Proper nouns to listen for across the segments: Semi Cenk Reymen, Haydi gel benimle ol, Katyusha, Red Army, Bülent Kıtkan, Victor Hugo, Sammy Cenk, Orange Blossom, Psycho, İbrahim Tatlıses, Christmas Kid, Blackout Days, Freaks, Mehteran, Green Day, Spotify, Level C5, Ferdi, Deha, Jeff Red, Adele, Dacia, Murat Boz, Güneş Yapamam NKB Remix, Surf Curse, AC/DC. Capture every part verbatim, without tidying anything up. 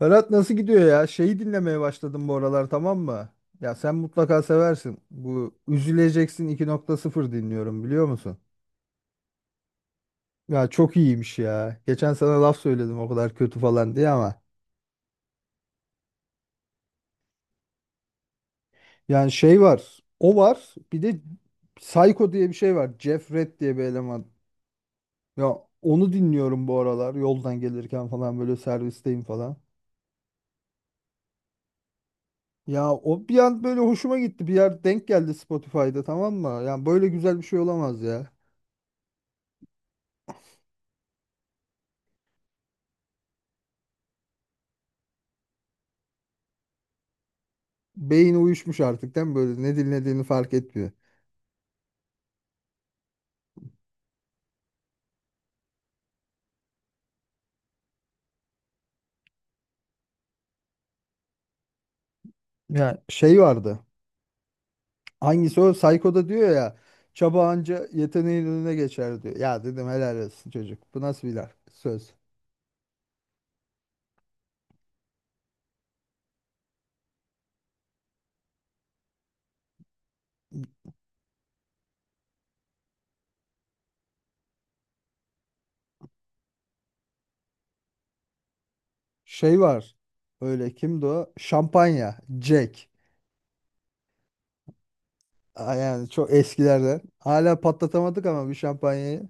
Berat nasıl gidiyor ya? Şeyi dinlemeye başladım bu aralar, tamam mı? Ya sen mutlaka seversin. Bu Üzüleceksin iki nokta sıfır dinliyorum, biliyor musun? Ya çok iyiymiş ya. Geçen sana laf söyledim o kadar kötü falan diye ama. Yani şey var. O var. Bir de Psycho diye bir şey var. Jeff Red diye bir eleman. Ya onu dinliyorum bu aralar. Yoldan gelirken falan böyle, servisteyim falan. Ya o bir an böyle hoşuma gitti. Bir yer denk geldi Spotify'da, tamam mı? Yani böyle güzel bir şey olamaz ya. Beyin uyuşmuş artık değil mi? Böyle ne dinlediğini fark etmiyor. Ya şey vardı. Hangisi o? Psycho'da diyor ya. Çaba anca yeteneğin önüne geçer diyor. Ya dedim helal olsun çocuk. Bu nasıl bir laf, söz? Şey var. Öyle kimdi o? Şampanya. Jack. Aa, yani çok eskilerden. Hala patlatamadık ama bir şampanyayı.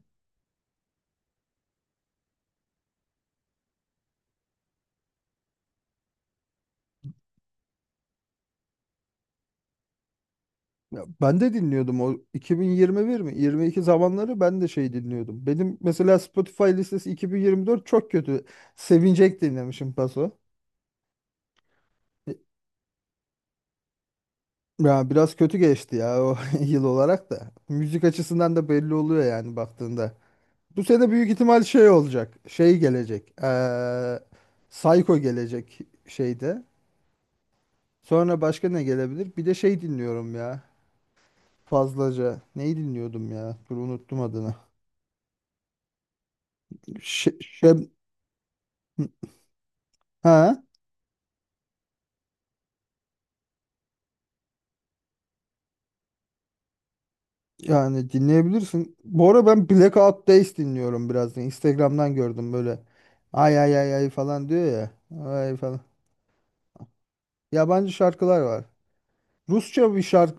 Ya ben de dinliyordum o, iki bin yirmi bir mi? yirmi iki zamanları ben de şey dinliyordum. Benim mesela Spotify listesi iki bin yirmi dört çok kötü. Sevinecek dinlemişim paso. E, Ya biraz kötü geçti ya o yıl olarak da. Müzik açısından da belli oluyor yani baktığında. Bu sene büyük ihtimal şey olacak. Şey gelecek. Eee Psycho gelecek şeyde. Sonra başka ne gelebilir? Bir de şey dinliyorum ya. Fazlaca. Neyi dinliyordum ya? Dur, unuttum adını. Şe- Şem- ha, yani dinleyebilirsin. Bu ara ben Blackout Days dinliyorum biraz da. Instagram'dan gördüm böyle. Ay ay ay ay falan diyor ya. Ay falan. Yabancı şarkılar var. Rusça bir şarkı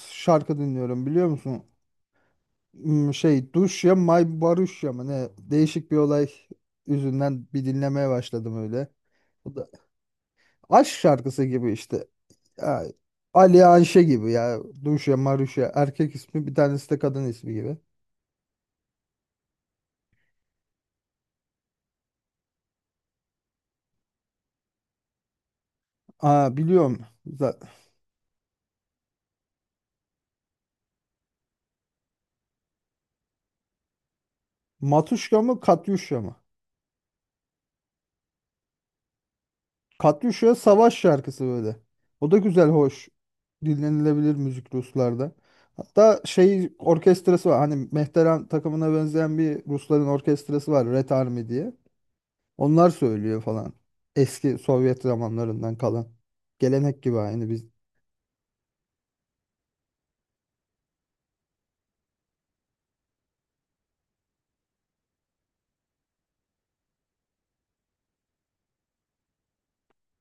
şarkı dinliyorum biliyor musun? Hmm, Şey, Duşya May Baruşya mı ne? Değişik bir olay yüzünden bir dinlemeye başladım öyle. Bu da aşk şarkısı gibi işte. Ya, Ali Anşe gibi ya. Duşya Maruşya erkek ismi, bir tanesi de kadın ismi gibi. Aa, biliyorum. Za- Matuşka mı, Katyuşya mı? Katyusha savaş şarkısı böyle. O da güzel, hoş. Dinlenilebilir müzik Ruslarda. Hatta şey orkestrası var. Hani Mehteran takımına benzeyen bir Rusların orkestrası var. Red Army diye. Onlar söylüyor falan. Eski Sovyet zamanlarından kalan. Gelenek gibi aynı biz.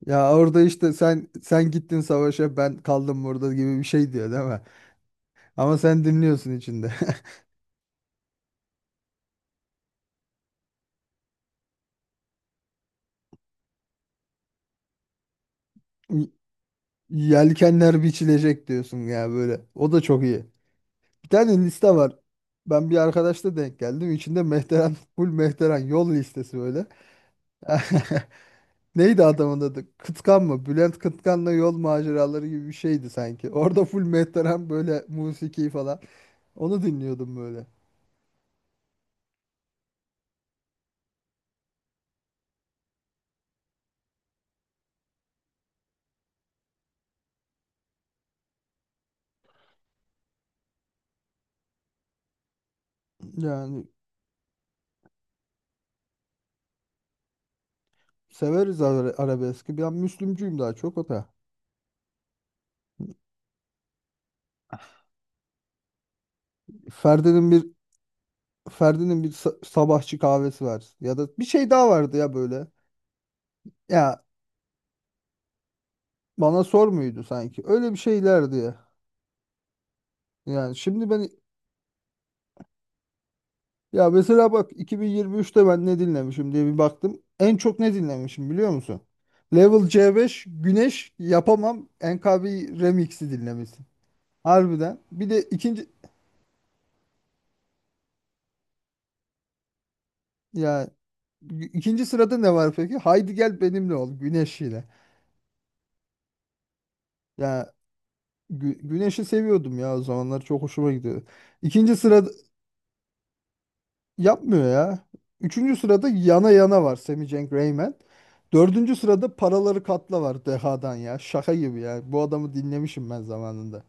Ya orada işte sen sen gittin savaşa, ben kaldım burada gibi bir şey diyor değil mi? Ama sen dinliyorsun içinde. Yelkenler biçilecek diyorsun ya böyle. O da çok iyi. Bir tane liste var. Ben bir arkadaşla denk geldim. İçinde Mehteran, full Mehteran yol listesi böyle. Neydi adamın adı? Kıtkan mı? Bülent Kıtkan'la yol maceraları gibi bir şeydi sanki. Orada full Mehteran böyle, musiki falan. Onu dinliyordum böyle. Yani severiz ara- arabeski. Ben Müslümcüyüm daha çok o da. Ferdi'nin bir Ferdi'nin bir sa- sabahçı kahvesi var. Ya da bir şey daha vardı ya böyle. Ya, bana sor muydu sanki? Öyle bir şeylerdi ya. Yani şimdi ben Ya mesela bak, iki bin yirmi üçte ben ne dinlemişim diye bir baktım. En çok ne dinlemişim biliyor musun? Level C beş Güneş Yapamam N K B Remix'i dinlemişsin. Harbiden. Bir de ikinci ya ikinci sırada ne var peki? Haydi gel benimle ol Güneş ile. Ya Gü- Güneş'i seviyordum ya, o zamanlar çok hoşuma gidiyordu. İkinci sırada... Yapmıyor ya. Üçüncü sırada yana yana var, Semi Cenk Reymen. Dördüncü sırada paraları katla var Deha'dan ya. Şaka gibi ya. Bu adamı dinlemişim ben zamanında.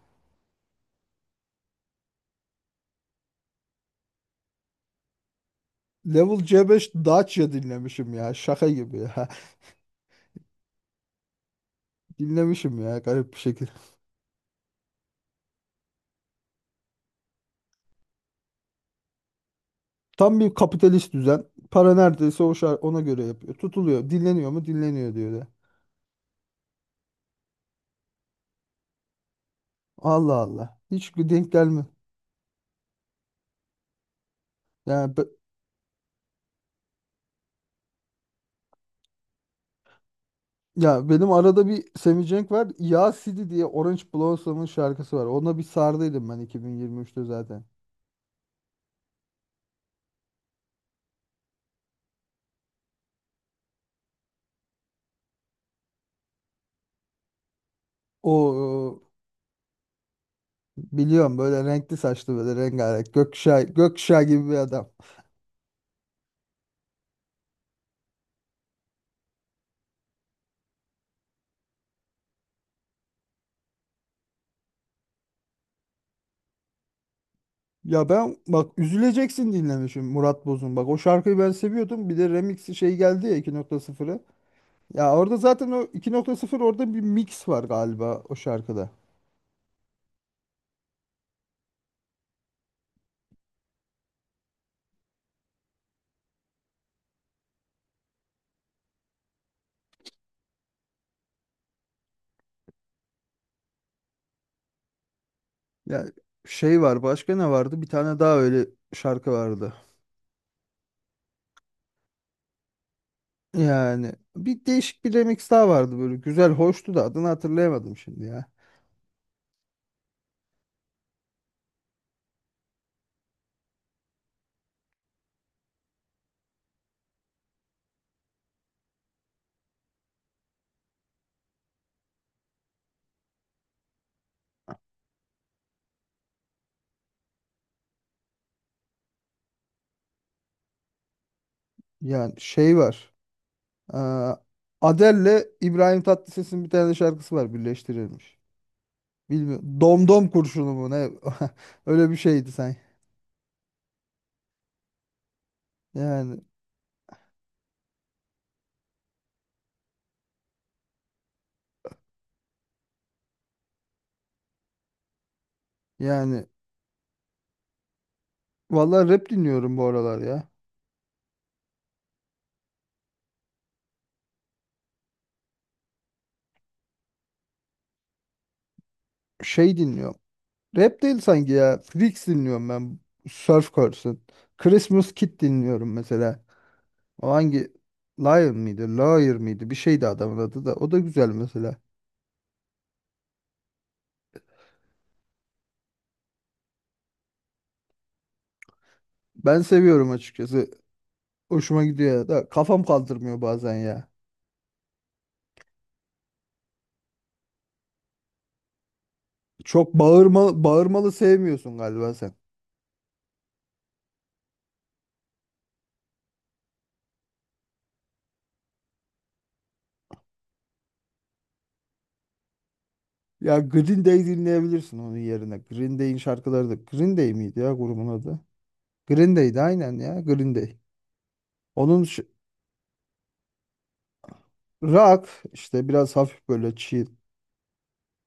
Level C beş Dacia dinlemişim ya. Şaka gibi ya. Dinlemişim ya, garip bir şekilde. Tam bir kapitalist düzen. Para neredeyse o şar ona göre yapıyor. Tutuluyor. Dinleniyor mu? Dinleniyor diyor ya. Allah Allah. Hiç denk gelme. Yani be- Ya benim arada bir Sammy Cenk var. Ya City diye Orange Blossom'un şarkısı var. Ona bir sardıydım ben iki bin yirmi üçte zaten. O. E, biliyorum, böyle renkli saçlı, böyle rengarenk, gökkuşağı, gökkuşağı gibi bir adam. Ya ben bak Üzüleceksin dinlemişim Murat Boz'un. Bak, o şarkıyı ben seviyordum. Bir de remixi şey geldi ya, iki nokta sıfırı. Ya orada zaten o iki nokta sıfır orada bir mix var galiba o şarkıda. Ya şey var, başka ne vardı? Bir tane daha öyle şarkı vardı. Yani bir değişik bir remix daha vardı böyle, güzel hoştu da adını hatırlayamadım şimdi ya. Yani şey var. Aa, Adele'le İbrahim Tatlıses'in bir tane şarkısı var birleştirilmiş. Bilmiyorum. Domdom kurşunu mu ne? Öyle bir şeydi sen. Yani yani vallahi rap dinliyorum bu aralar ya. Şey dinliyorum. Rap değil sanki ya. Freaks dinliyorum ben. Surf Curse'ın. Christmas Kid dinliyorum mesela. O hangi, Liar mıydı, Lawyer mıydı? Bir şeydi adamın adı da. O da güzel mesela. Ben seviyorum açıkçası. Hoşuma gidiyor ya da kafam kaldırmıyor bazen ya. Çok bağırmalı, bağırmalı sevmiyorsun galiba sen. Ya Green Day dinleyebilirsin onun yerine. Green Day'in şarkıları da... Green Day miydi ya grubun adı? Green Day'di aynen ya, Green Day. Onun ş- Rock işte, biraz hafif böyle chill.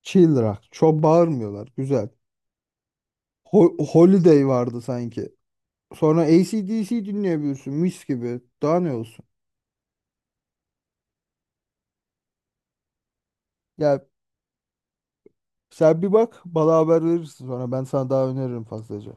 Chill rock. Çok bağırmıyorlar. Güzel. Ho- Holiday vardı sanki. Sonra A C/D C dinleyebiliyorsun mis gibi. Daha ne olsun? Ya sen bir bak, bana haber verirsin sonra, ben sana daha öneririm fazlaca.